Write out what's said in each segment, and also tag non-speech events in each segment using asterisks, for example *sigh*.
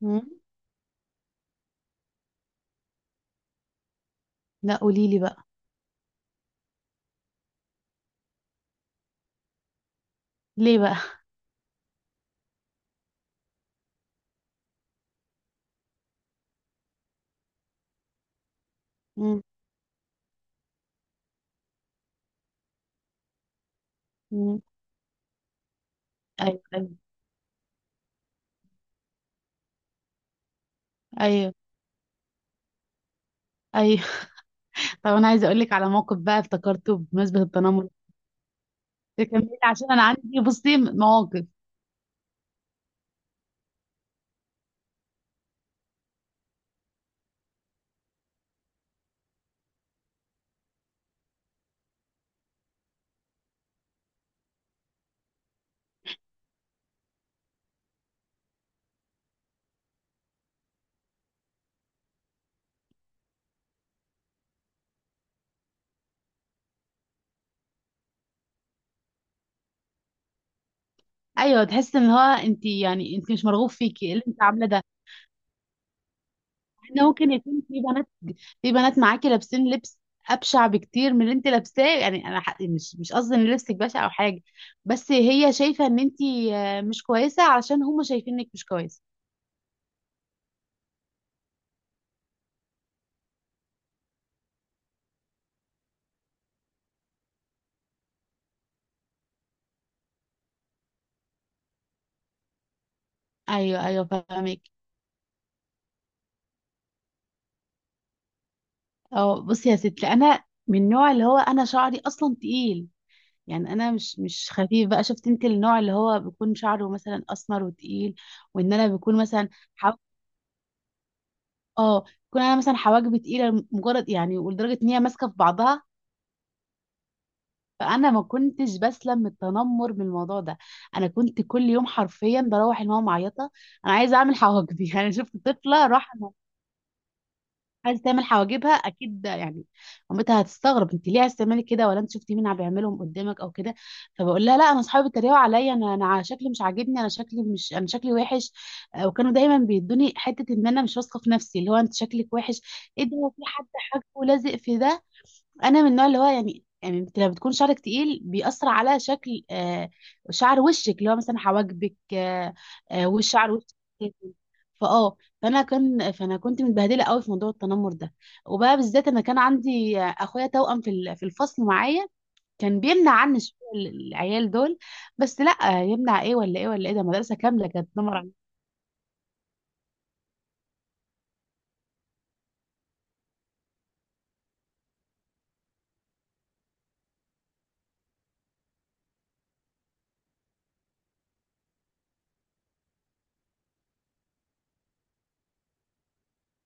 مم؟ لا، قولي لي بقى. ليه بقى؟ مم. مم. ايوه ايوه. ايوه ايوه. *laughs* طب انا عايزه اقول لك على موقف بقى افتكرته بمناسبه التنمر. تكملي عشان انا عندي، بصي، مواقف. ايوه، تحس ان هو انت، يعني انت مش مرغوب فيكي، إيه اللي انت عامله ده، ان ممكن يكون في بنات معاكي لابسين لبس ابشع بكتير من اللي انت لابساه، يعني انا مش قصدي ان لبسك بشع او حاجه، بس هي شايفه ان انت مش كويسه علشان هم شايفينك مش كويسه. ايوه ايوه، فاهمك. اه، بصي يا ستي، انا من النوع اللي هو انا شعري اصلا تقيل، يعني انا مش خفيف بقى. شفت انت النوع اللي هو بيكون شعره مثلا اسمر وتقيل، وان انا بيكون مثلا حو... اه، بيكون انا مثلا حواجبي تقيله مجرد، يعني، ولدرجه ان هي ماسكه في بعضها. فانا ما كنتش بسلم من التنمر من الموضوع ده. انا كنت كل يوم حرفيا بروح الماما معيطه: انا عايزه اعمل حواجبي. *laughs* يعني شفت طفله راح عايزه تعمل حواجبها، اكيد ده يعني مامتها هتستغرب، انت ليه عايزه تعملي كده، ولا انت شفتي مين عم بيعملهم قدامك او كده. فبقول لها لا، انا اصحابي بيتريقوا عليا، انا على شكلي مش عاجبني، انا شكلي مش انا شكلي وحش. وكانوا دايما بيدوني حته ان انا مش واثقه في نفسي، اللي هو انت شكلك وحش، ايه ده، هو في حد حاجه ولازق في ده. انا من النوع اللي هو، يعني انت لما بتكون شعرك تقيل بيأثر على شكل، شعر وشك، اللي هو مثلا حواجبك والشعر وشك كتل. فاه فانا كنت متبهدله قوي في موضوع التنمر ده. وبقى بالذات، انا كان عندي اخويا توأم في في الفصل معايا، كان بيمنع عني شوية العيال دول، بس لا يمنع ايه ولا ايه ولا ايه، ده مدرسه كامله كانت تنمر عليا.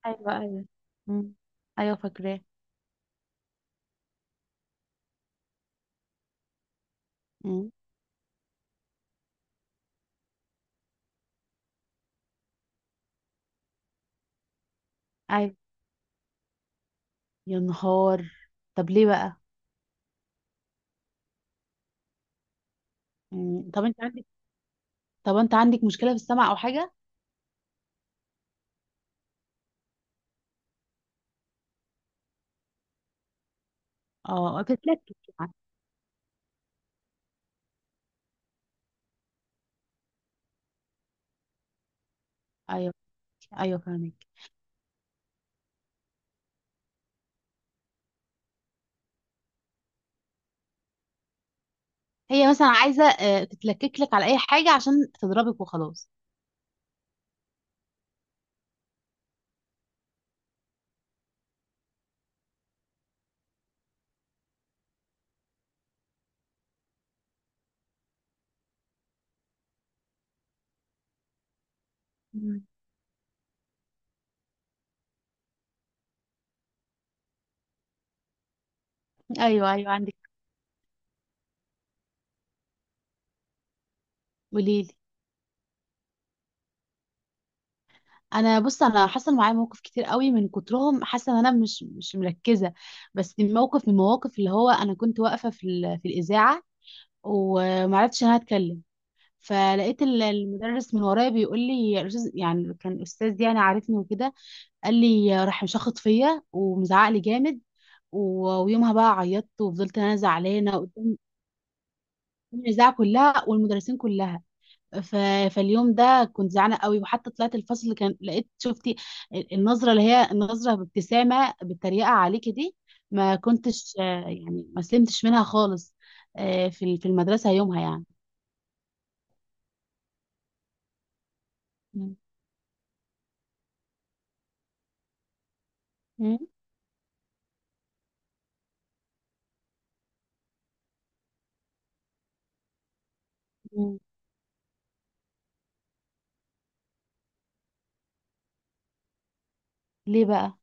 ايوه ايوه. مم. ايوه، فاكراه. مم. ايوه، يا نهار. طب ليه بقى؟ مم. طب انت عندك مشكله في السمع او حاجه؟ اه، تتلكك يعني. ايوه ايوه، فاهمك. هي مثلا عايزه تتلكك لك على اي حاجه عشان تضربك وخلاص. مم. ايوه ايوه، عندك. قولي لي. انا، بص، انا حصل معايا موقف كتير قوي من كترهم، حاسه ان انا مش مركزه، بس موقف من المواقف، اللي هو انا كنت واقفه في في الاذاعه ومعرفتش ان انا اتكلم. فلقيت المدرس من ورايا بيقول لي يا يعني كان استاذ، يعني عارفني وكده، قال لي، راح مشخط فيا ومزعق لي جامد. ويومها بقى عيطت، وفضلت انا زعلانه قدام الاذاعه كلها والمدرسين كلها. ف... فاليوم ده كنت زعلانه قوي، وحتى طلعت الفصل كان لقيت شفتي النظره، اللي هي النظره بابتسامه بالتريقه عليكي دي. ما كنتش يعني، ما سلمتش منها خالص، في في المدرسه يومها يعني. مم. مم. مم. ليه بقى؟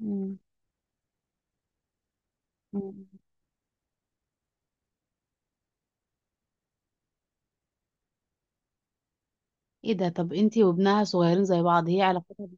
مم. مم. ايه ده؟ طب انتي وابنها صغيرين زي بعض، هي علاقتها.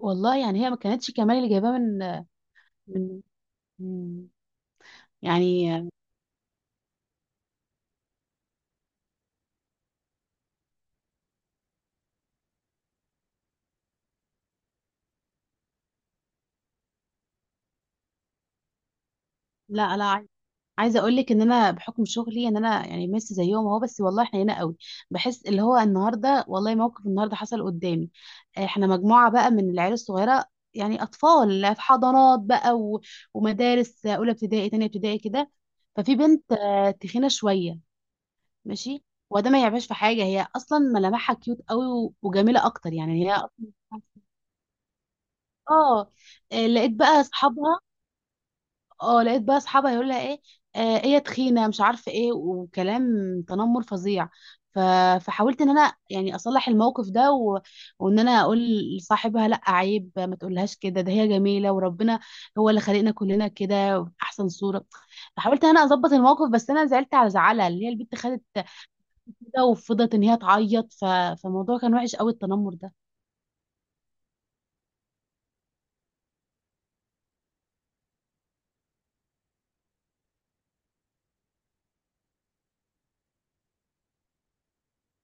والله يعني هي ما كانتش كمان اللي جايباه من، من من- يعني. لا، لا، عايزه اقول لك ان انا بحكم شغلي ان انا يعني ميسي زيهم اهو، بس والله احنا هنا قوي. بحس اللي هو النهارده، والله موقف النهارده حصل قدامي. احنا مجموعه بقى من العيال الصغيره، يعني اطفال في حضانات بقى، ومدارس اولى ابتدائي، تانية ابتدائي كده. ففي بنت تخينه شويه، ماشي. وده ما يعيبهاش في حاجه، هي اصلا ملامحها كيوت قوي وجميله اكتر يعني. هي اه آه، لقيت بقى اصحابها اه لقيت بقى اصحابها يقول لها ايه، هي تخينه مش عارفه ايه وكلام، تنمر فظيع. ف... فحاولت ان انا يعني اصلح الموقف ده، وان انا اقول لصاحبها لا، عيب، ما تقولهاش كده، ده هي جميله، وربنا هو اللي خلقنا كلنا كده احسن صوره. فحاولت ان انا اظبط الموقف، بس انا زعلت على زعلها، اللي هي البنت خدت كده، وفضلت ان هي تعيط. فالموضوع كان وحش قوي التنمر ده.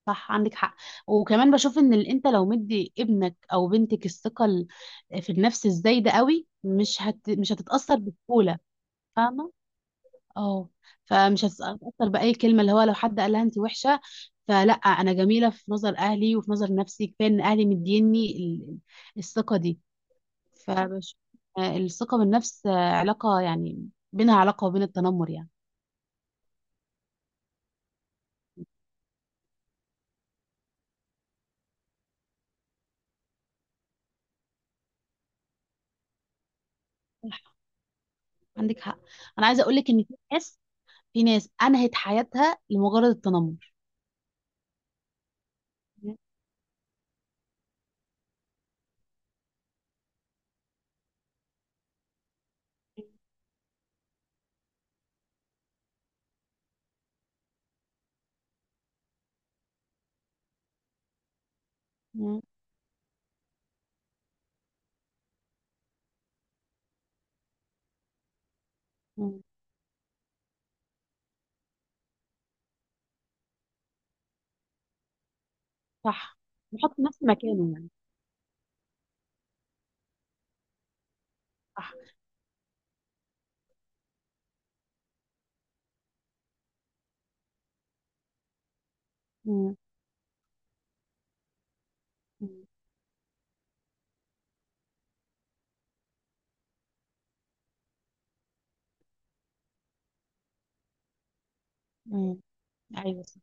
صح، عندك حق. وكمان بشوف ان انت لو مدي ابنك او بنتك الثقه في النفس الزايده قوي مش هتتاثر بسهوله، فاهمه. اه. فمش هتتاثر باي كلمه، اللي هو لو حد قالها انت وحشه، فلا، انا جميله في نظر اهلي وفي نظر نفسي، كفايه ان اهلي مديني الثقه دي. فبشوف الثقه بالنفس، علاقه يعني بينها علاقه وبين التنمر يعني. صح، عندك حق. انا عايزه اقول لك ان في ناس انهت حياتها لمجرد التنمر. مم. مم. صح، نحط نفسي مكانه يعني. صح. مم. مم. مم. ايوه صح.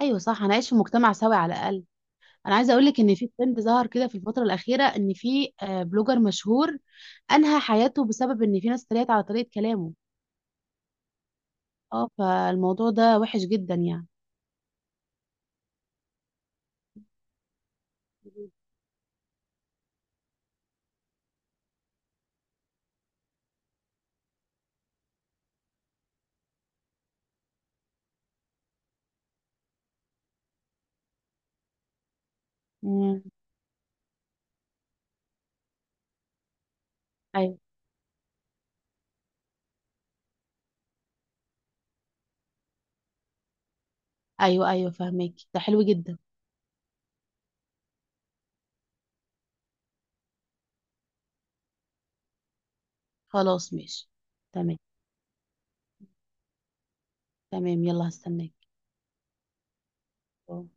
ايوه صح، هنعيش في مجتمع سوي على الاقل. انا عايزه اقول لك ان في ترند ظهر كده في الفتره الاخيره، ان في بلوجر مشهور انهى حياته بسبب ان في ناس اتريقت على طريقه كلامه. اه، فالموضوع ده وحش جدا يعني. مم. ايوه ايوه. ايوه، فهمك ده حلو جدا. خلاص ماشي. تمام. تمام، يلا هستناك. أوه.